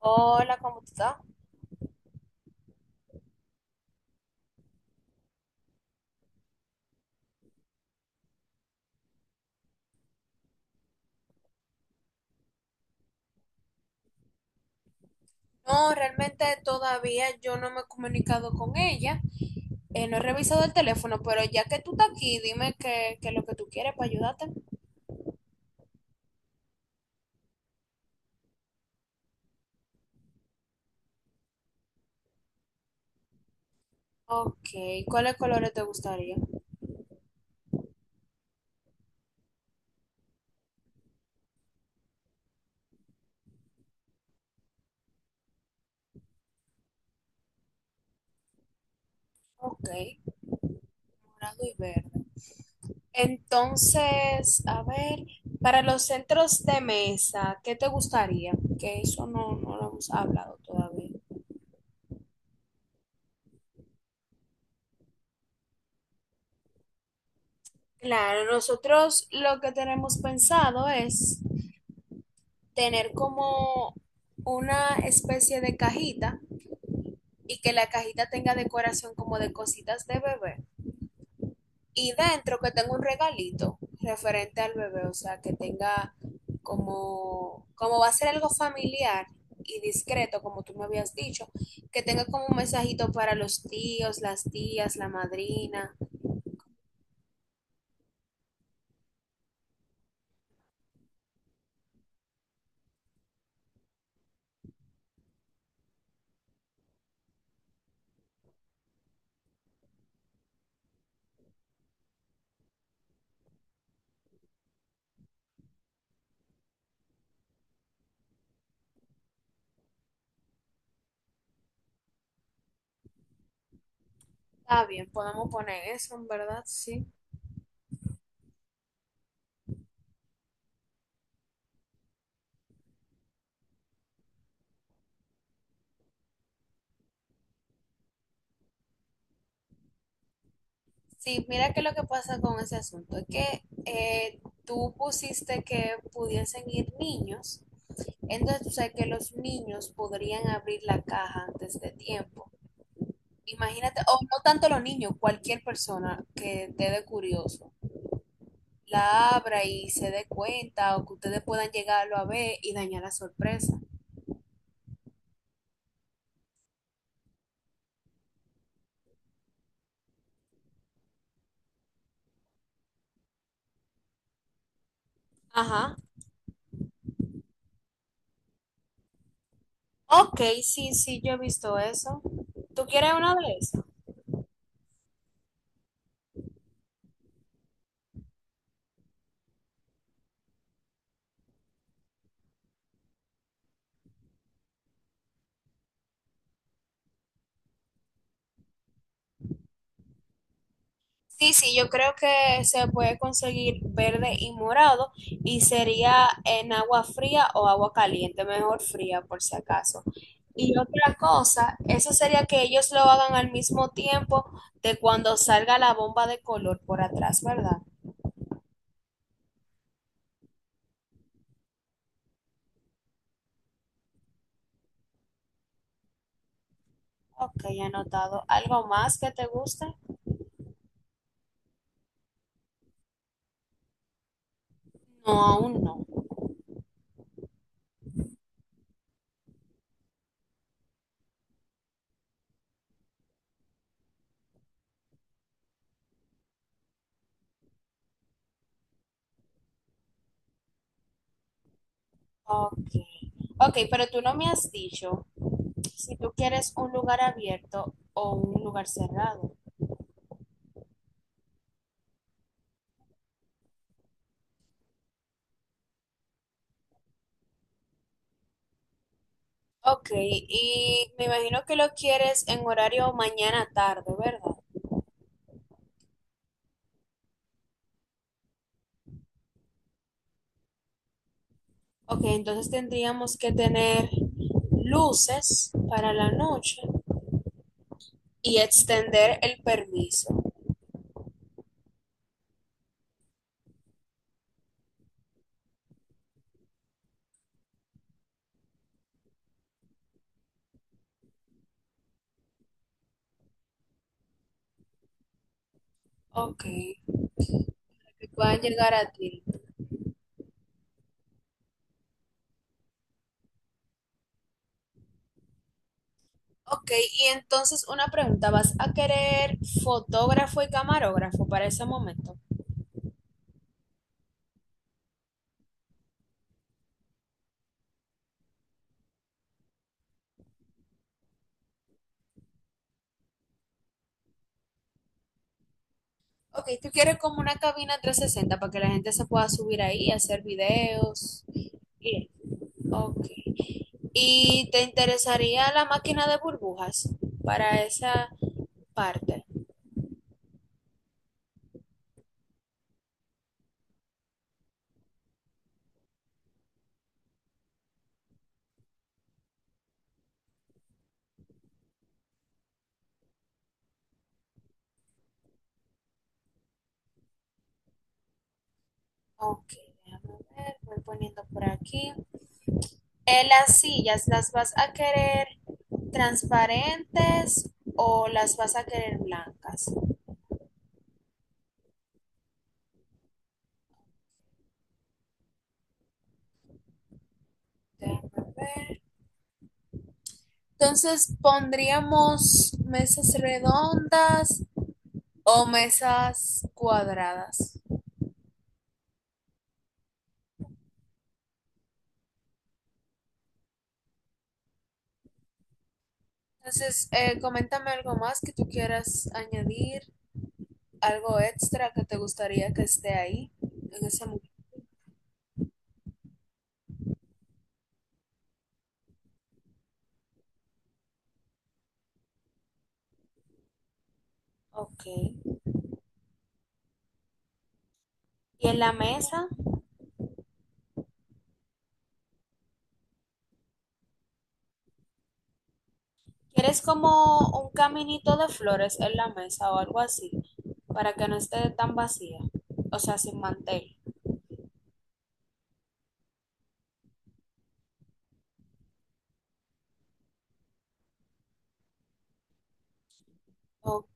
Hola, ¿cómo tú estás? No, realmente todavía yo no me he comunicado con ella. No he revisado el teléfono, pero ya que tú estás aquí, dime qué es lo que tú quieres para ayudarte. Ok, ¿cuáles colores te gustaría? Ok, morado y verde. Entonces, a ver, para los centros de mesa, ¿qué te gustaría? Que eso no, no lo hemos hablado todavía. Claro, nosotros lo que tenemos pensado es tener como una especie de cajita y que la cajita tenga decoración como de cositas de bebé. Y dentro que tenga un regalito referente al bebé, o sea, que tenga como, como va a ser algo familiar y discreto, como tú me habías dicho, que tenga como un mensajito para los tíos, las tías, la madrina. Está bien, podemos poner eso, en verdad, sí. Sí, mira que lo que pasa con ese asunto es que tú pusiste que pudiesen ir niños, entonces tú sabes que los niños podrían abrir la caja antes de tiempo. Imagínate, o no tanto los niños, cualquier persona que esté de curioso, la abra y se dé cuenta o que ustedes puedan llegarlo a ver y dañar la sorpresa. Ajá. Ok, sí, sí, yo he visto eso. ¿Tú quieres una de esas? Sí, sí, yo creo que se puede conseguir verde y morado y sería en agua fría o agua caliente, mejor fría por si acaso. Y otra cosa, eso sería que ellos lo hagan al mismo tiempo de cuando salga la bomba de color por atrás, ¿verdad? Ok, anotado. ¿Algo más que te guste? No, aún no. Ok. Ok, pero tú no me has dicho si tú quieres un lugar abierto o un lugar cerrado. Ok, y me imagino que lo quieres en horario mañana tarde, ¿verdad? Ok, entonces tendríamos que tener luces para la noche y extender el permiso. Ok, que puedan llegar a ti. Ok, y entonces una pregunta, ¿vas a querer fotógrafo y camarógrafo para ese momento? Ok, tú quieres como una cabina 360 para que la gente se pueda subir ahí, hacer videos. y- Ok. ¿Y te interesaría la máquina de burbujas para esa parte? Ok, déjame ver, voy poniendo por aquí. Las sillas, ¿las vas a querer transparentes o las vas a querer blancas? Déjame ver. Entonces pondríamos mesas redondas o mesas cuadradas. Entonces, coméntame algo más que tú quieras añadir. Algo extra que te gustaría que esté ahí en ese momento. Ok. ¿Y en la mesa? ¿Quieres como un caminito de flores en la mesa o algo así? Para que no esté tan vacía. O sea, sin mantel. O-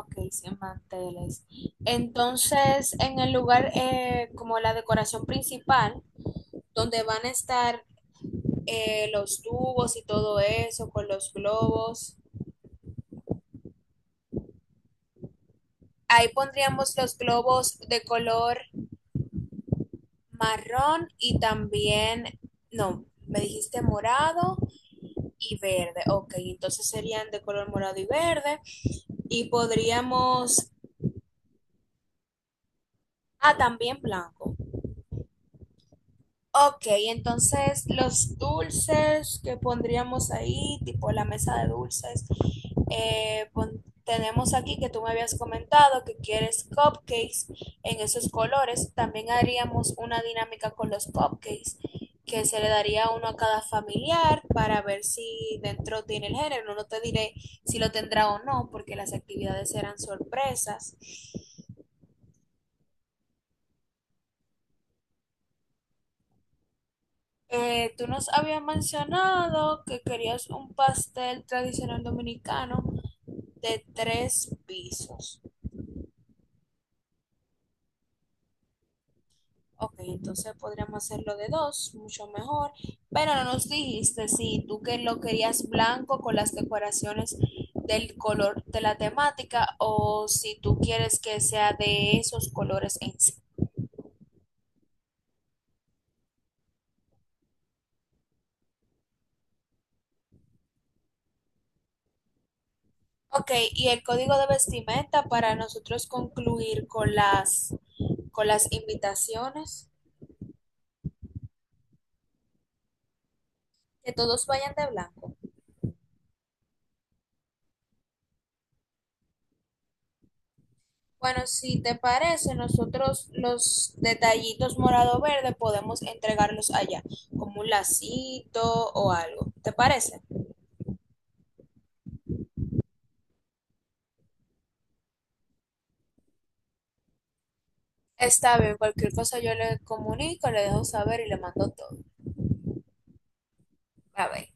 ok, sin manteles. Entonces, en el lugar como la decoración principal, donde van a estar los tubos y todo eso, con los globos. Ahí pondríamos los globos de color marrón y también, no, me dijiste morado y verde. Ok, entonces serían de color morado y verde. Y podríamos, ah, también blanco. Ok, entonces los dulces que pondríamos ahí, tipo la mesa de dulces, tenemos aquí que tú me habías comentado que quieres cupcakes en esos colores. También haríamos una dinámica con los cupcakes, que se le daría uno a cada familiar para ver si dentro tiene el género. No te diré si lo tendrá o no, porque las actividades serán sorpresas. Tú nos habías mencionado que querías un pastel tradicional dominicano de tres pisos. Ok, entonces podríamos hacerlo de dos, mucho mejor. Pero no nos dijiste si tú que lo querías blanco con las decoraciones del color de la temática o si tú quieres que sea de esos colores en sí. Ok, y el código de vestimenta para nosotros concluir con las invitaciones, que todos vayan de blanco. Bueno, si te parece, nosotros los detallitos morado-verde podemos entregarlos allá, como un lacito o algo. ¿Te parece? Está bien, cualquier cosa yo le comunico, le dejo saber y le mando todo. A ver.